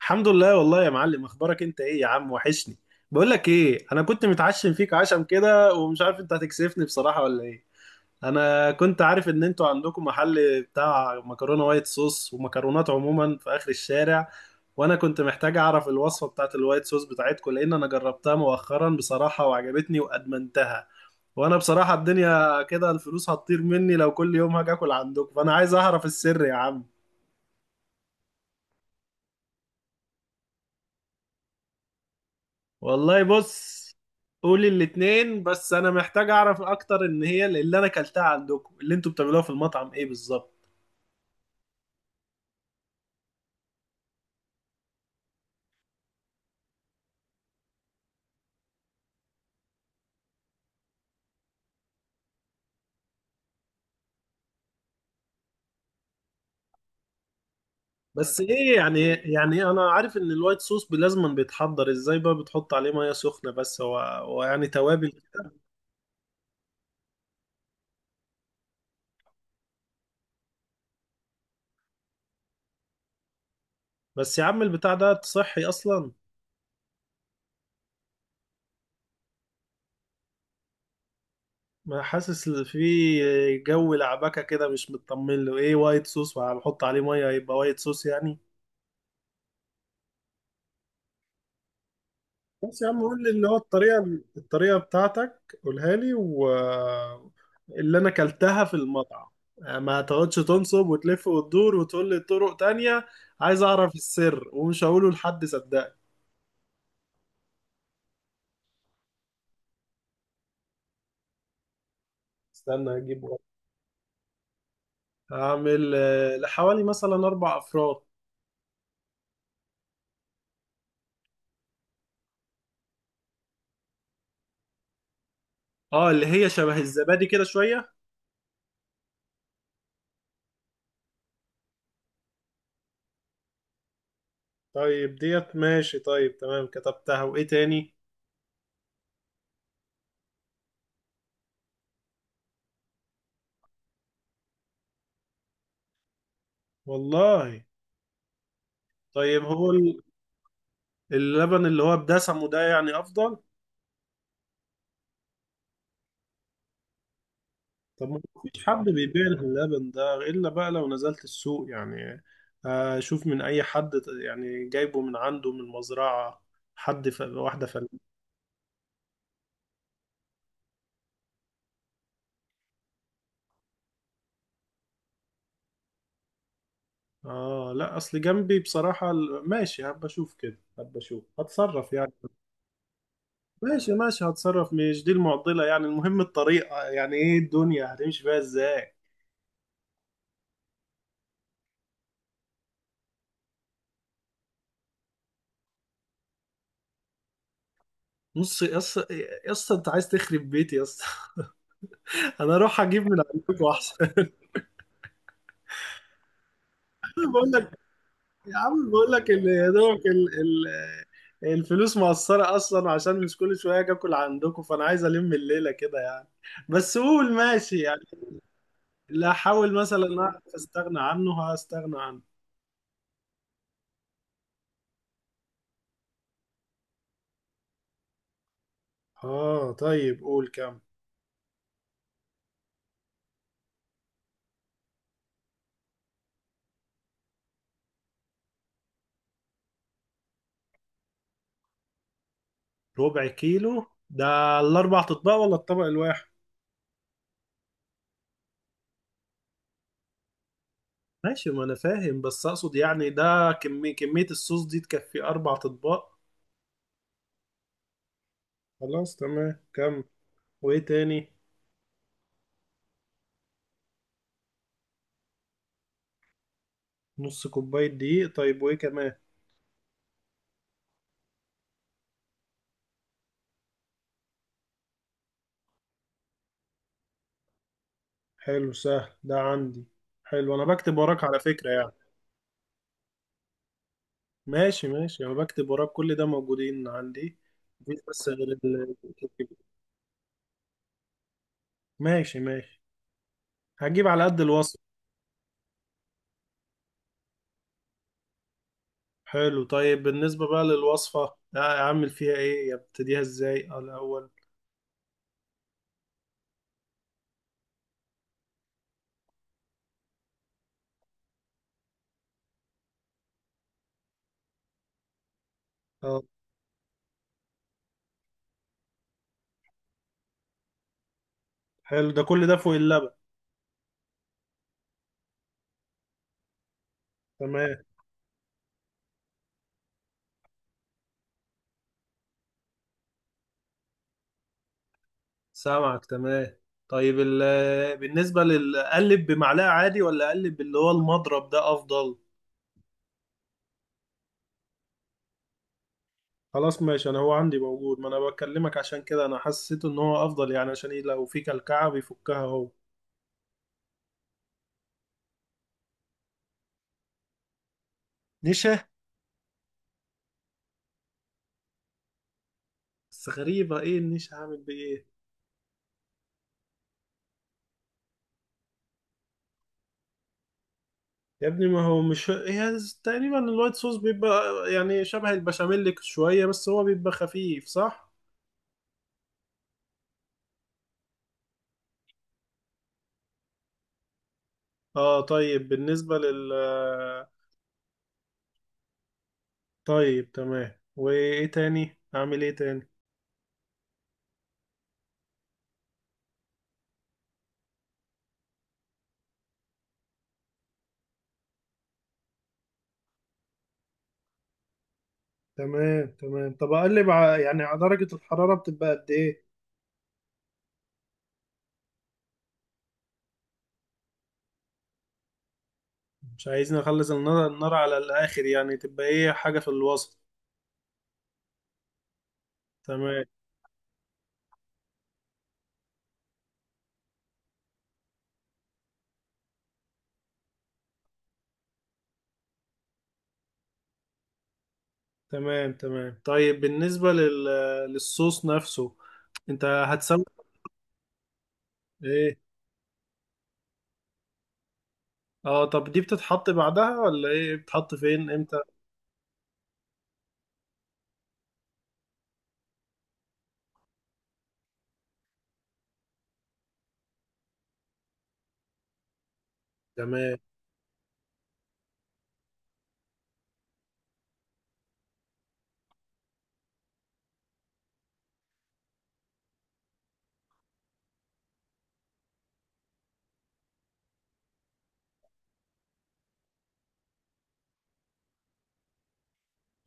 الحمد لله، والله يا معلم. اخبارك انت ايه يا عم؟ وحشني. بقول لك ايه، انا كنت متعشم فيك عشم كده، ومش عارف انت هتكسفني بصراحة ولا ايه. انا كنت عارف ان انتوا عندكم محل بتاع مكرونة وايت صوص ومكرونات عموما في اخر الشارع، وانا كنت محتاج اعرف الوصفة بتاعت الوايت صوص بتاعتكم، لان انا جربتها مؤخرا بصراحة وعجبتني وادمنتها. وانا بصراحة الدنيا كده، الفلوس هتطير مني لو كل يوم هاجي اكل عندكم، فانا عايز اعرف السر يا عم. والله، بص. قولي الاتنين، بس انا محتاج اعرف اكتر ان هي اللي انا اكلتها عندكم، اللي انتوا بتعملوها في المطعم ايه بالظبط. بس ايه يعني، انا عارف ان الوايت صوص لازما بيتحضر ازاي، بقى بتحط عليه ميه سخنه، بس هو هو يعني توابل؟ بس يا عم البتاع ده صحي اصلا؟ ما حاسس إن في جو لعبكه كده، مش مطمن له. ايه وايت صوص وهحط عليه ميه يبقى وايت صوص يعني؟ بس يا عم قول لي اللي هو الطريقة. الطريقة بتاعتك قولها لي، اللي انا اكلتها في المطعم. آه، ما تقعدش تنصب وتلف وتدور وتقول لي طرق تانية. عايز اعرف السر، ومش هقوله لحد، صدقني. استنى اجيب ورق. هعمل لحوالي مثلا اربع افراد. اه، اللي هي شبه الزبادي كده شوية. طيب ديت ماشي. طيب تمام، كتبتها. وايه تاني؟ والله. طيب هو اللبن اللي هو بدسمه ده يعني افضل؟ طب ما فيش حد بيبيع اللبن ده إلا بقى لو نزلت السوق يعني. آه، شوف من أي حد يعني جايبه من عنده من مزرعة. حد واحدة آه لا، أصل جنبي بصراحة ماشي، هبقى أشوف كده، هبقى أشوف هتصرف يعني. ماشي ماشي، هتصرف، مش دي المعضلة يعني. المهم الطريقة، يعني إيه الدنيا هتمشي فيها إزاي؟ نص يا اسطى؟ يا اسطى انت عايز تخرب بيتي يا اسطى؟ انا اروح اجيب من عندكم احسن. بقول لك. يا عم بقول لك يا دوبك الفلوس مقصرة أصلا، عشان مش كل شوية أجي آكل عندكم، فأنا عايز ألم الليلة كده يعني. بس قول ماشي يعني. لا، أحاول مثلا أعرف أستغنى عنه، هستغنى عنه. آه طيب، قول كام. ربع كيلو ده الأربع أطباق ولا الطبق الواحد؟ ماشي، ما أنا فاهم، بس أقصد يعني ده كمية، الصوص دي تكفي أربع أطباق؟ خلاص تمام. كم وإيه تاني؟ نص كوباية دقيق، طيب وإيه كمان؟ حلو، سهل، ده عندي. حلو، انا بكتب وراك على فكرة يعني. ماشي ماشي، انا بكتب وراك، كل ده موجودين عندي. مفيش بس غير ماشي ماشي، هجيب على قد الوصف. حلو، طيب بالنسبة بقى للوصفة، اعمل فيها ايه؟ ابتديها ازاي الاول؟ اه. حلو، ده كل ده فوق اللبن. تمام. سامعك، تمام. طيب بالنسبة للقلب بمعلقة عادي، ولا اقلب اللي هو المضرب ده افضل؟ خلاص ماشي، انا هو عندي موجود، ما انا بكلمك عشان كده. انا حسيت ان هو افضل يعني، عشان ايه، لو في كلكعه بيفكها هو. نشا؟ بس غريبه، ايه النيش هعمل بايه؟ يا ابني ما هو مش هي تقريبا، الوايت صوص بيبقى يعني شبه البشاميل شويه، بس هو بيبقى خفيف صح؟ اه، طيب بالنسبه طيب تمام، وايه تاني؟ اعمل ايه تاني؟ تمام تمام. طب اقلب يعني على درجه الحراره بتبقى قد ايه؟ مش عايزين نخلص النار، النار على الآخر يعني، تبقى إيه، حاجة في الوسط. تمام. تمام. تمام. طيب بالنسبة للصوص نفسه، أنت هتسوي إيه؟ أه، طب دي بتتحط بعدها ولا إيه؟ بتتحط فين إمتى؟ تمام.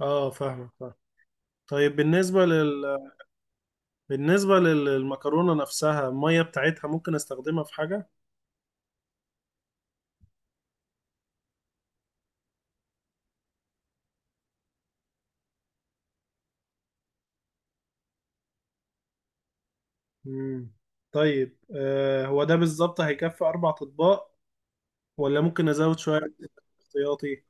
أه، فاهمك، فاهم. طيب بالنسبة بالنسبة للمكرونة نفسها، المية بتاعتها ممكن أستخدمها في حاجة؟ مم. طيب، هو ده بالظبط هيكفي أربع أطباق؟ ولا ممكن أزود شوية احتياطي؟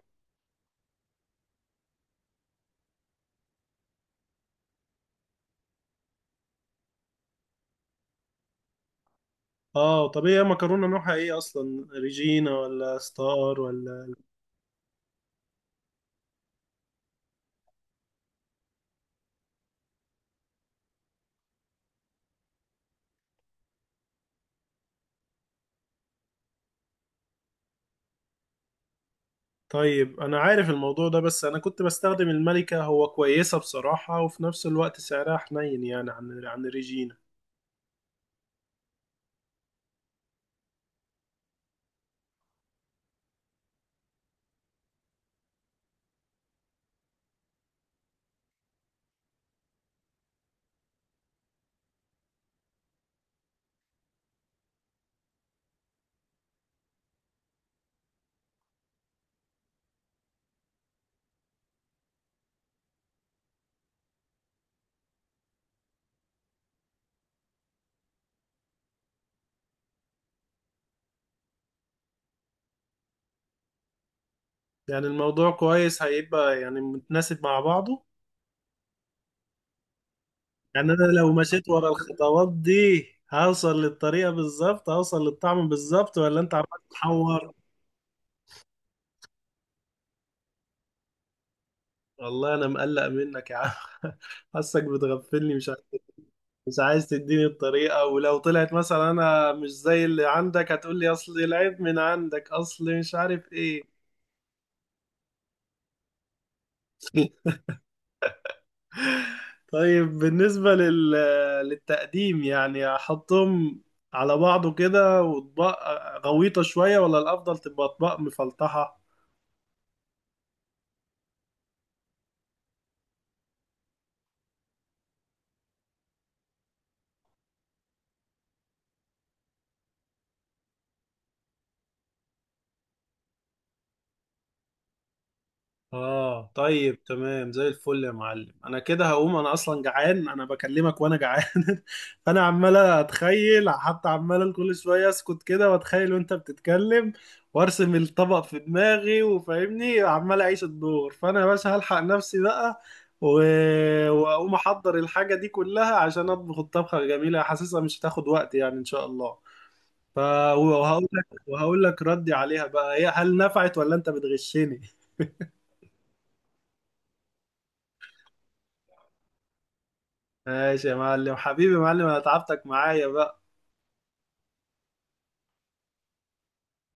اه طب، ايه مكرونه نوعها ايه اصلا، ريجينا ولا ستار ولا؟ طيب انا عارف الموضوع ده، بس انا كنت بستخدم الملكه. هو كويسه بصراحه، وفي نفس الوقت سعرها حنين يعني عن ريجينا. يعني الموضوع كويس، هيبقى يعني متناسب مع بعضه؟ يعني انا لو مشيت ورا الخطوات دي، هوصل للطريقه بالظبط، هوصل للطعم بالظبط، ولا انت عمال تحور؟ والله انا مقلق منك يا عم. حاسك بتغفلني، مش عارف. مش عايز تديني الطريقة، ولو طلعت مثلا انا مش زي اللي عندك، هتقول لي اصل العيب من عندك، اصل مش عارف ايه. طيب بالنسبة للتقديم، يعني احطهم على بعضه كده، واطباق غويطة شوية ولا الافضل تبقى اطباق مفلطحة؟ اه طيب، تمام زي الفل يا معلم. انا كده هقوم، انا اصلا جعان، انا بكلمك وانا جعان. فانا عمال اتخيل، حتى عمال كل شويه اسكت كده واتخيل وانت بتتكلم، وارسم الطبق في دماغي وفاهمني، عمال اعيش الدور. فانا يا باشا هلحق نفسي بقى و... واقوم احضر الحاجه دي كلها عشان اطبخ الطبخه الجميله. حاسسها مش هتاخد وقت يعني ان شاء الله. ف وهقول لك ردي عليها بقى، هي هل نفعت، ولا انت بتغشني؟ ماشي يا معلم، حبيبي يا معلم، انا تعبتك معايا بقى.